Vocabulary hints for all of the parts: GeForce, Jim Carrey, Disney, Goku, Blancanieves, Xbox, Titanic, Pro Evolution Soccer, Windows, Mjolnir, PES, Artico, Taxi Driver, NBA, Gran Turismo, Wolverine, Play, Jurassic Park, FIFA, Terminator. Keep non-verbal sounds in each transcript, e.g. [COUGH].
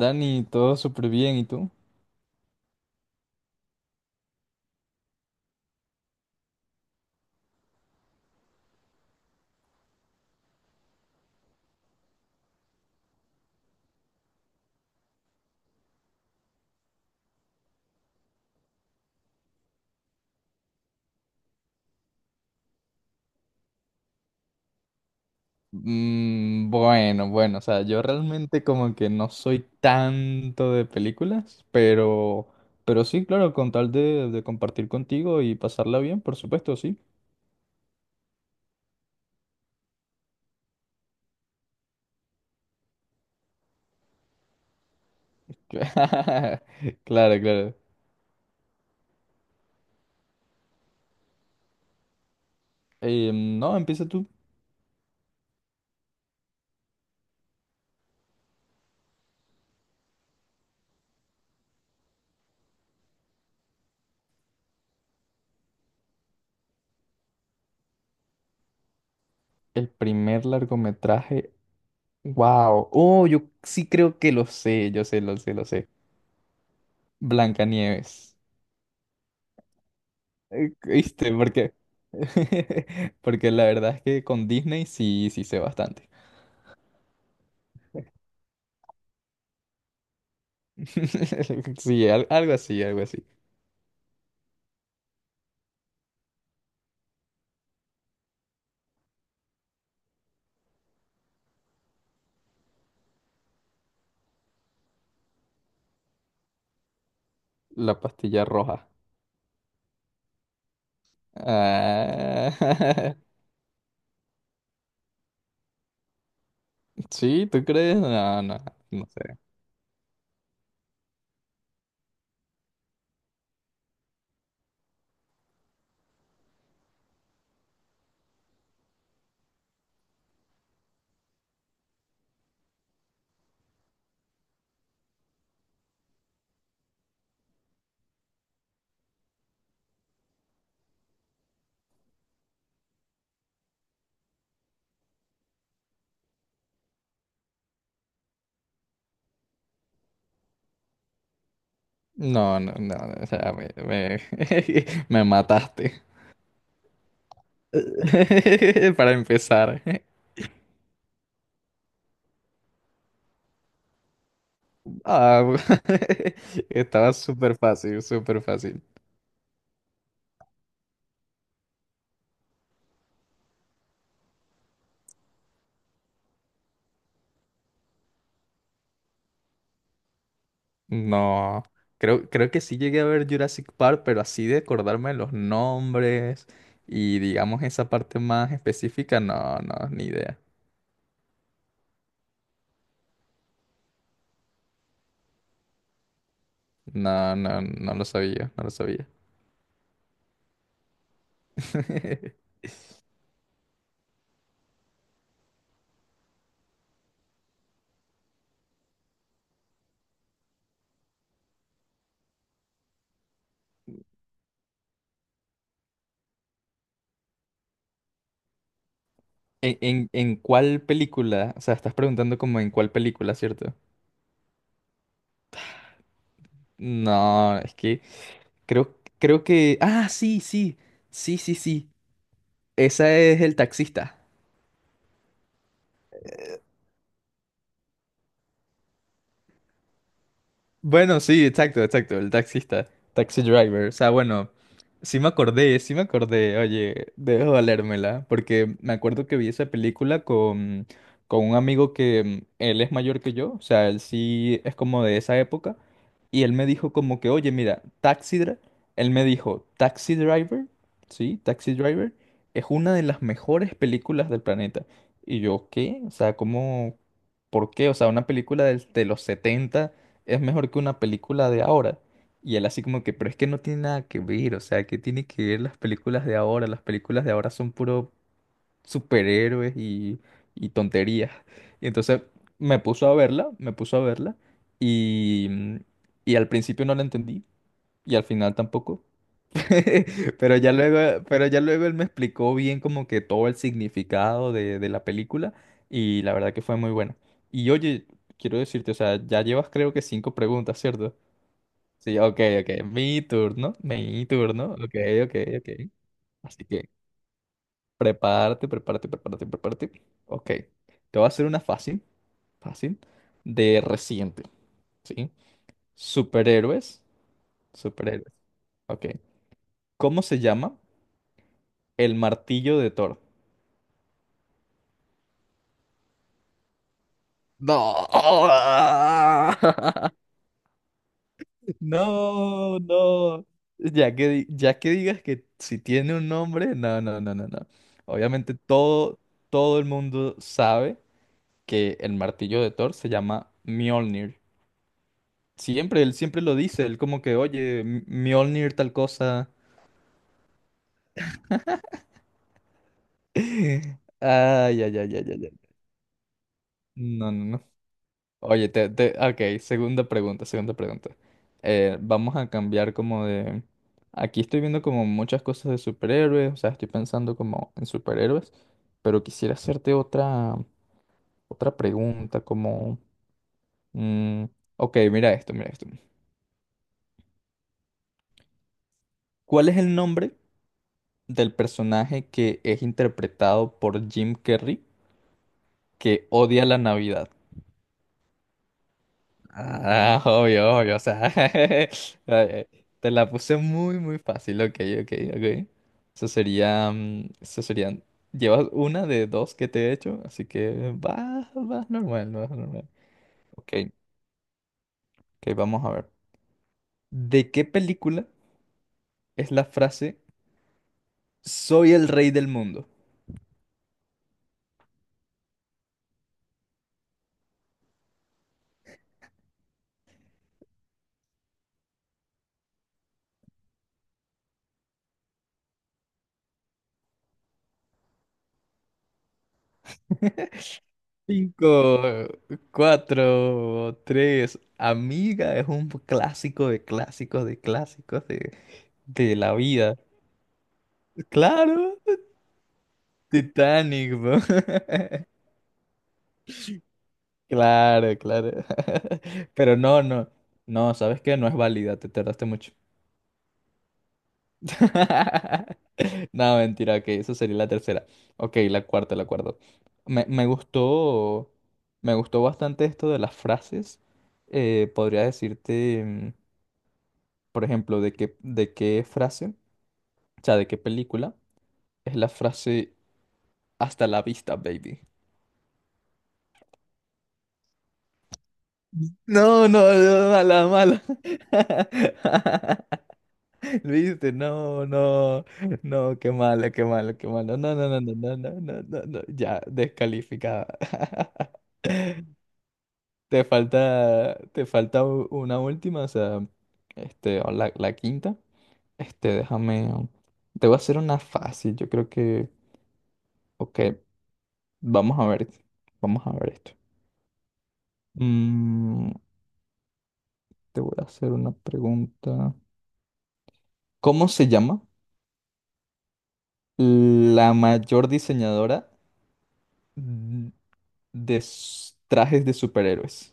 Dani, todo súper bien, ¿y tú? Mm, bueno, bueno, o sea, yo realmente como que no soy tanto de películas, pero sí, claro, con tal de compartir contigo y pasarla bien, por supuesto, sí. [LAUGHS] Claro, claro. No, empieza tú. El primer largometraje, wow. Oh, yo sí creo que lo sé, yo sé, lo sé, lo sé. Blancanieves. ¿Viste? [LAUGHS] Porque la verdad es que con Disney sí, sí sé bastante. [LAUGHS] Sí, algo así, algo así. La pastilla roja. Ah, [LAUGHS] sí, ¿tú crees? No, no, no sé. No, no, no, no, o sea, [LAUGHS] me mataste. [LAUGHS] Para empezar. Ah, [LAUGHS] estaba súper fácil, súper fácil. No, creo que sí llegué a ver Jurassic Park, pero así de acordarme de los nombres y digamos esa parte más específica, no, no, ni idea. No, no, no lo sabía, no lo sabía. [LAUGHS] ¿En cuál película? O sea, estás preguntando como en cuál película, ¿cierto? No, es que creo que... Ah, sí, sí, sí, sí, sí. Esa es El Taxista. Bueno, sí, exacto, exacto, el taxista, taxi driver. O sea, bueno, sí me acordé, oye, debo valérmela, porque me acuerdo que vi esa película con, con un amigo que él es mayor que yo, o sea, él sí es como de esa época, y él me dijo como que, oye, mira, él me dijo, taxi driver, sí, taxi driver, es una de las mejores películas del planeta. Y yo, ¿qué? O sea, ¿cómo? ¿Por qué? O sea, una película de los 70 es mejor que una película de ahora. Y él así como que, pero es que no tiene nada que ver, o sea, ¿que tiene que ver las películas de ahora? Las películas de ahora son puro superhéroes y tonterías. Y entonces me puso a verla, me puso a verla y, mm, y al principio no la entendí y al final tampoco. [LAUGHS] Pero ya luego él me explicó bien como que todo el significado de la película y la verdad que fue muy buena. Y oye, quiero decirte, o sea, ya llevas creo que cinco preguntas, ¿cierto? Sí, ok, ok. Mi turno, mi turno. Ok, ok, ok. Así que prepárate, prepárate, prepárate, prepárate. Ok. Te voy a hacer una fácil, fácil, de reciente, ¿sí? Superhéroes, superhéroes. Ok. ¿Cómo se llama el martillo de Thor? No. [LAUGHS] No, no. Ya que, ya que digas que si tiene un nombre, no, no, no, no, no. Obviamente todo el mundo sabe que el martillo de Thor se llama Mjolnir. Siempre, él siempre lo dice, él como que, oye, Mjolnir tal cosa. [LAUGHS] Ay, ay, ay, ay, ay, ay. No, no, no. Oye, ok, segunda pregunta, segunda pregunta. Vamos a cambiar como de... Aquí estoy viendo como muchas cosas de superhéroes, o sea, estoy pensando como en superhéroes, pero quisiera hacerte otra pregunta, como... mm, ok, mira esto, mira esto. ¿Cuál es el nombre del personaje que es interpretado por Jim Carrey que odia la Navidad? Ah, obvio, obvio, o sea, [LAUGHS] te la puse muy, muy fácil, ok, ok, ok. Eso serían, llevas una de dos que te he hecho, así que va normal, vas normal. Ok, ok, vamos a ver. ¿De qué película es la frase Soy el rey del mundo? [LAUGHS] Cinco, cuatro, tres. Amiga es un clásico de clásicos de clásicos de la vida. Claro, Titanic, bro. [LAUGHS] Claro, claro. [LAUGHS] Pero no, no. No, ¿sabes qué? No es válida, te tardaste mucho. [LAUGHS] No, mentira, ok, eso sería la tercera. Ok, la cuarta, la cuarta. Me, me gustó, me gustó bastante esto de las frases. Podría decirte, por ejemplo, de qué frase, o sea, de qué película, es la frase hasta la vista, baby. No, no, no, mala, mala. [LAUGHS] ¿Viste? No, no, no, qué malo, qué malo, qué malo. No, no, no, no, no, no, no, no, no. Ya, descalificada. [LAUGHS] Te falta una última, o sea, este, o la quinta. Este, déjame, te voy a hacer una fácil, yo creo que, ok, vamos a ver, vamos a ver esto. Mm, te voy a hacer una pregunta. ¿Cómo se llama la mayor diseñadora de trajes de superhéroes?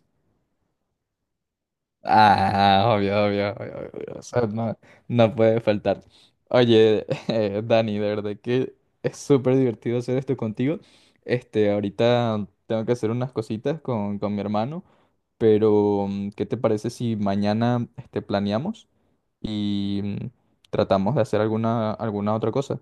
Ah, obvio, obvio, obvio, obvio, o sea, no, no puede faltar. Oye, [LAUGHS] Dani, de verdad que es súper divertido hacer esto contigo. Este, ahorita tengo que hacer unas cositas con, con mi hermano, pero ¿qué te parece si mañana este, planeamos y tratamos de hacer alguna otra cosa?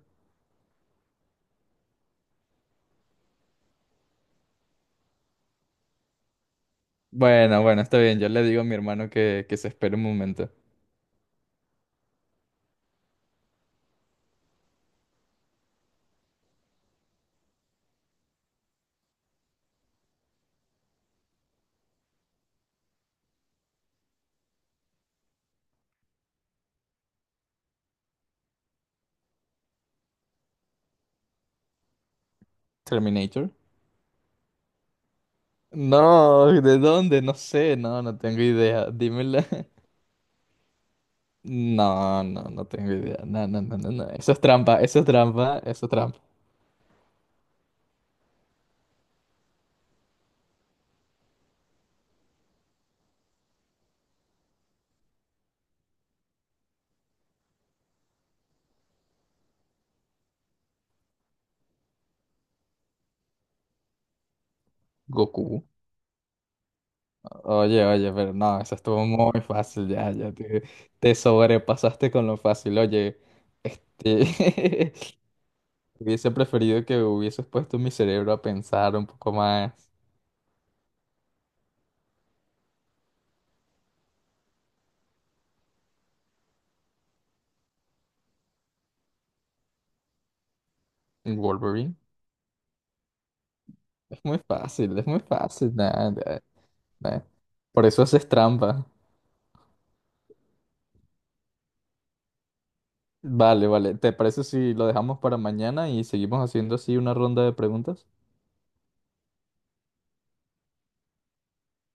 Bueno, bueno, está bien, yo le digo a mi hermano que se espere un momento. Terminator. No, ¿de dónde? No sé, no, no tengo idea. Dímela. [LAUGHS] No, no, no tengo idea. No, no, no, no, no. Eso es trampa, eso es trampa, eso es trampa. Goku. Oye, oye, pero no, eso estuvo muy fácil, ya, ya te sobrepasaste con lo fácil. Oye, este, [LAUGHS] hubiese preferido que hubieses puesto mi cerebro a pensar un poco más. Wolverine. Es muy fácil, es muy fácil. Nah, nah, nah. Por eso haces trampa. Vale, vale. ¿Te parece si lo dejamos para mañana y seguimos haciendo así una ronda de preguntas?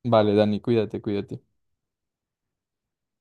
Vale, Dani, cuídate, cuídate.